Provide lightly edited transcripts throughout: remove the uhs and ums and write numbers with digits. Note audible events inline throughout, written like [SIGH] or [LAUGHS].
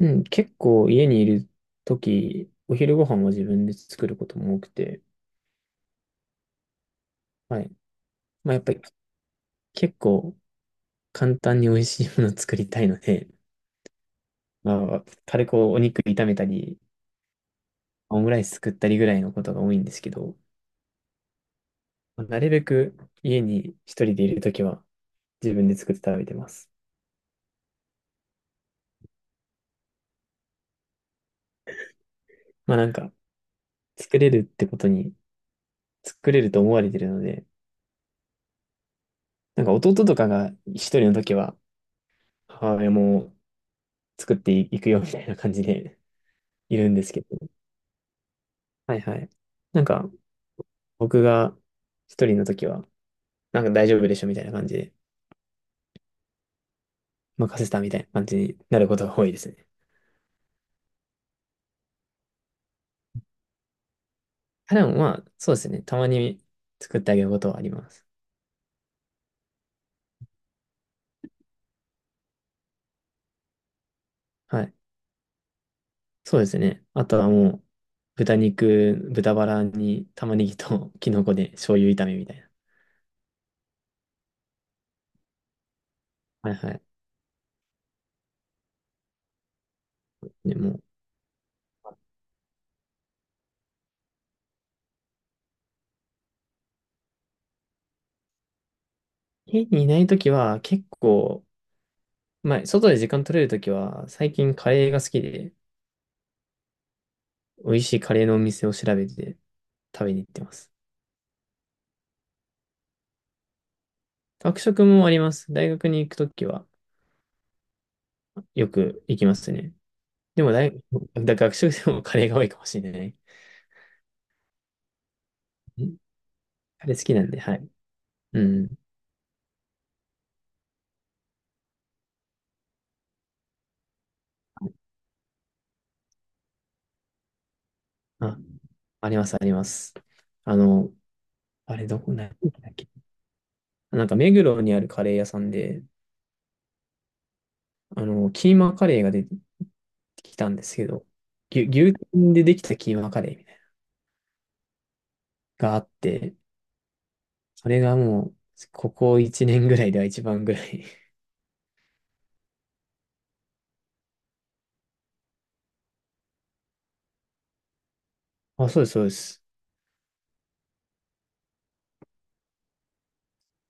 うん、結構家にいるとき、お昼ご飯は自分で作ることも多くて、はい。まあやっぱり結構簡単に美味しいものを作りたいので、まあ軽くお肉炒めたり、オムライス作ったりぐらいのことが多いんですけど、まあなるべく家に一人でいるときは自分で作って食べてます。まあなんか作れるってことに、作れると思われてるので、なんか弟とかが一人のときは母親も作っていくよみたいな感じでいるんですけど、はいはい。なんか、僕が一人の時は、なんか大丈夫でしょみたいな感じで、任せたみたいな感じになることが多いですね。あ、でもまあ、そうですね。たまに作ってあげることはあります。はい。そうですね。あとはもう、豚バラに玉ねぎと [LAUGHS] キノコで醤油炒めみたいな。はいはい。でも、家にいない時は結構、まあ、外で時間取れる時は、最近カレーが好きで、美味しいカレーのお店を調べて食べに行ってます。学食もあります。大学に行くときはよく行きますね。でも学食でもカレーが多いかもしれない。カレー好きなんで、はい。うん。あ、あります、あります。あの、あれどこな、なんだっけ。なんか目黒にあるカレー屋さんで、キーマカレーが出てきたんですけど、牛タンでできたキーマカレーみたいなのがあって、それがもう、ここ1年ぐらいでは一番ぐらい。あ、そうです、そうです。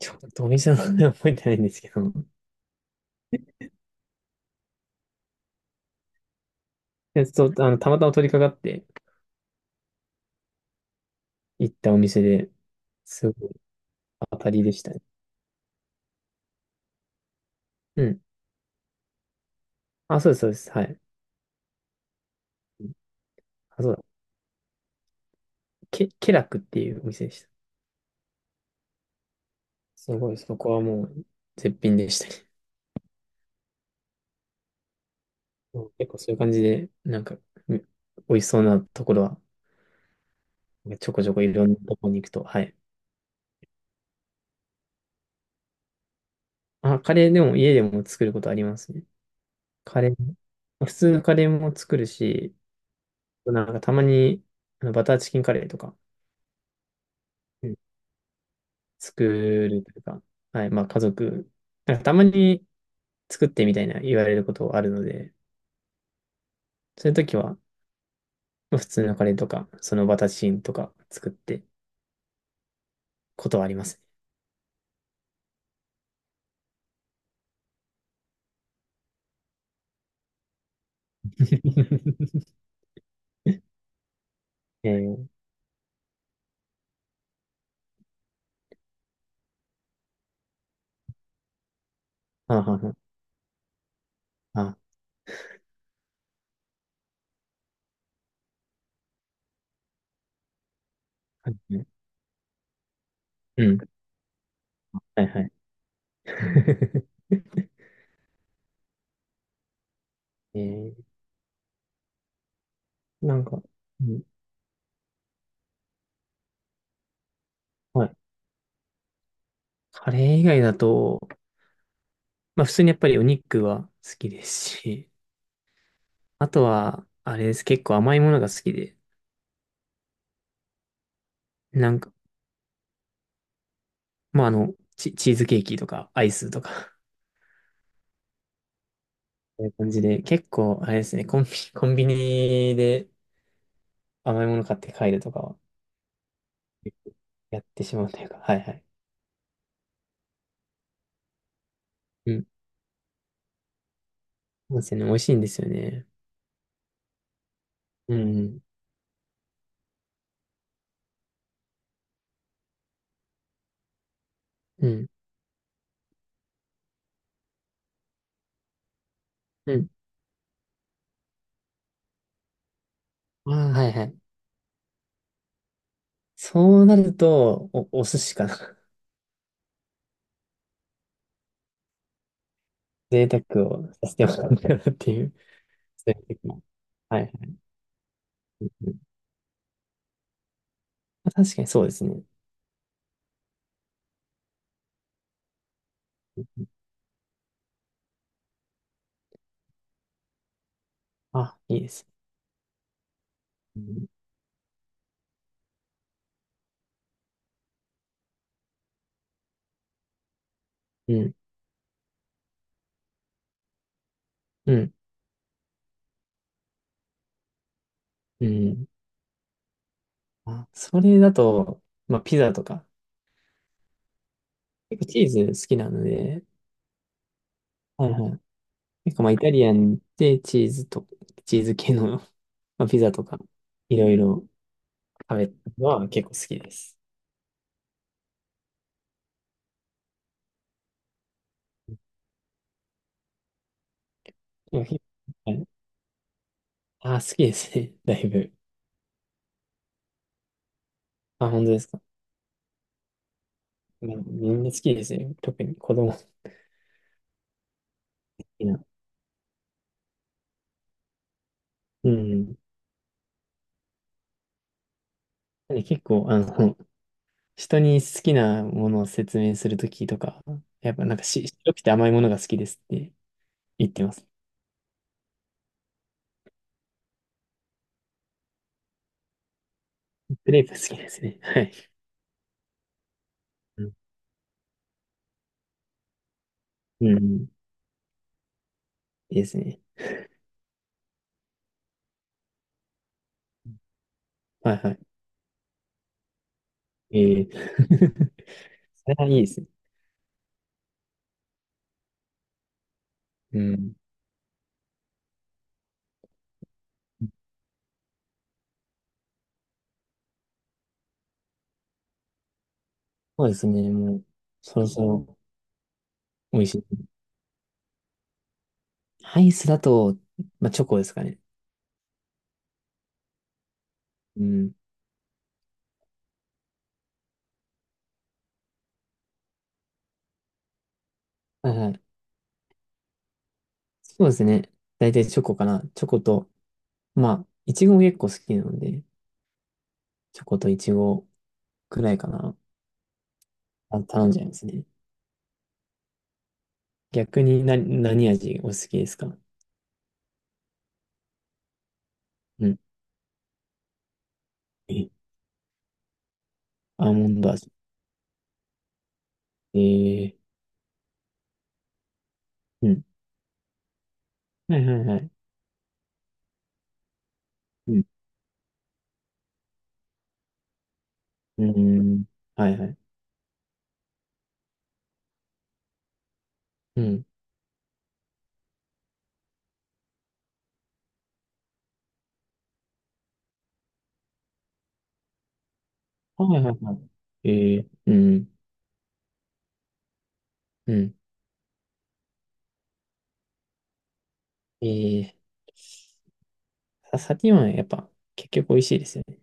ちょっとお店の名前覚えてないんですけど、そう、たまたま取り掛かって行ったお店で、すごい当たりでしたね。うん。あ、そうです、そうです。はい。うん、あ、そうだ。ケラクっていうお店でした。すごい、そこはもう絶品でしたね。うん。結構そういう感じで、なんか、う美味しそうなところは、ちょこちょこいろんなとこに行くと、はい。あ、カレーでも家でも作ることありますね。カレー、普通のカレーも作るし、なんかたまに、バターチキンカレーとか、う作るというか、はい、まあ家族、なんかたまに作ってみたいな言われることあるので、そういう時は、まあ普通のカレーとか、そのバタチンとか作ってことはありますね。[LAUGHS] えー、はあ、はあ、はあ、あ、はいはい、うん、はいはい。[LAUGHS] えー、なんか、うん、はい。カレー以外だと、まあ普通にやっぱりお肉は好きですし、あとは、あれです、結構甘いものが好きで、なんか、まあ、チーズケーキとか、アイスとか [LAUGHS] そういう感じで、結構、あれですね、コンビニで甘いもの買って帰るとかは、結構やってしまうというか、はいはい。うん。そうですよね、美味しいんですよね。うん、うん、うん。ああ、はいはい。そうなると、お寿司かな。[LAUGHS] 贅沢をさせてもらうかなっていう、[LAUGHS] そういう時も。はいはい。うんうん、確かにそうですね。あ、いいです。うん、うん、うん。うん、あ、それだと、まあ、ピザとか、結構チーズ好きなので、はいはい。結構まあイタリアンでチーズ系の、[LAUGHS] まあ、ピザとか、いろいろ食べるのは結構好きです。でもひはい、あー好きですね。[LAUGHS] だいぶ。あ、本当ですか。まあみんな好きですよ。特に子供好きな。うん。なんで結構、[LAUGHS] 人に好きなものを説明するときとか、やっぱなんか白くて甘いものが好きですって言ってます。クレープ好きですね。はい。うん。うん、いいですね。はいはい。ええ [LAUGHS] それはいいですね。うん。そうですね。もう、そろそろ美味しい。アイスだと、まあ、チョコですかね。うん。はいはい。そうですね。大体チョコかな。チョコと、まあ、いちごも結構好きなので、チョコといちごくらいかな。あ、頼んじゃいますね。逆に、何味お好きですか？うん。えアーモンド味。ええ、うん。はいはいはい。うん。うん。はいはい。うん。はいはいはい。ええ、うん。うん。ええ、サティワンやっぱ結局美味しいですよね。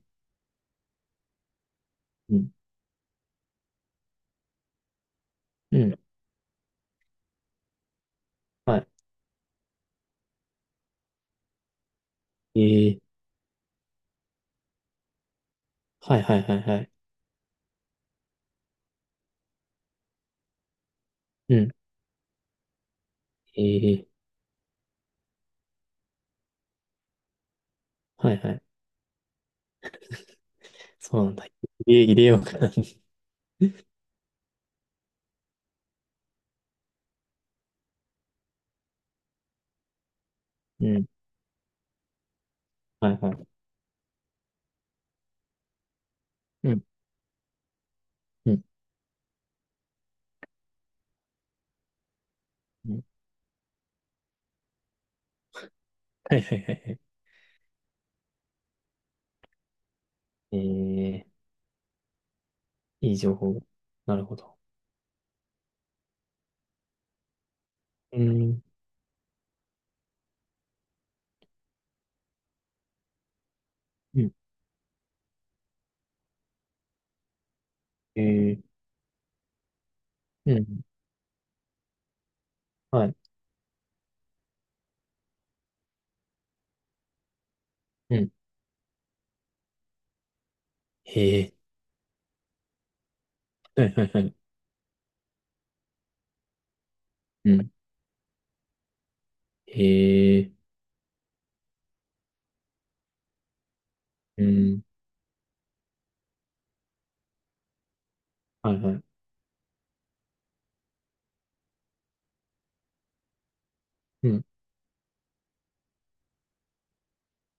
うん。うん。はい。ええー、はいはいはいはい。うん。ええー、はいはい。そうなんだ。入れようかな。[LAUGHS] うん。はいはい。うん。うん。うん、はいはいはいはい。ええー、いい情報。なるほど。うん。うん。ええー、うん。はい。うん。ええー、はいはいはい。うん。ええー、うん。はいはい。うん。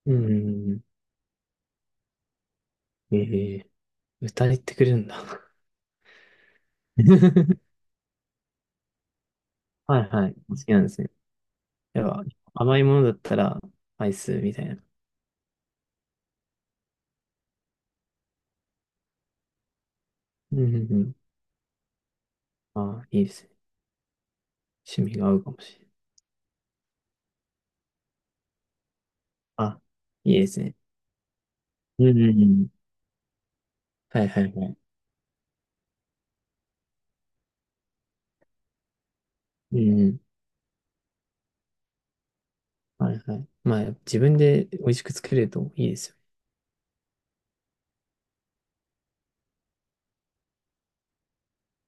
うん。ええー、歌えてくれるんだ。[LAUGHS] はいはい。好きなんですね。やっぱ、甘いものだったら、アイスみたいな。うんうんうん。ああ、いいですね。趣味が合うかもしれない。あ、いいですね。うんうんうん。はいはいはい。うんうん。はいはい。まあ、自分で美味しく作れるといいですよ。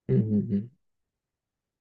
うんうんうん。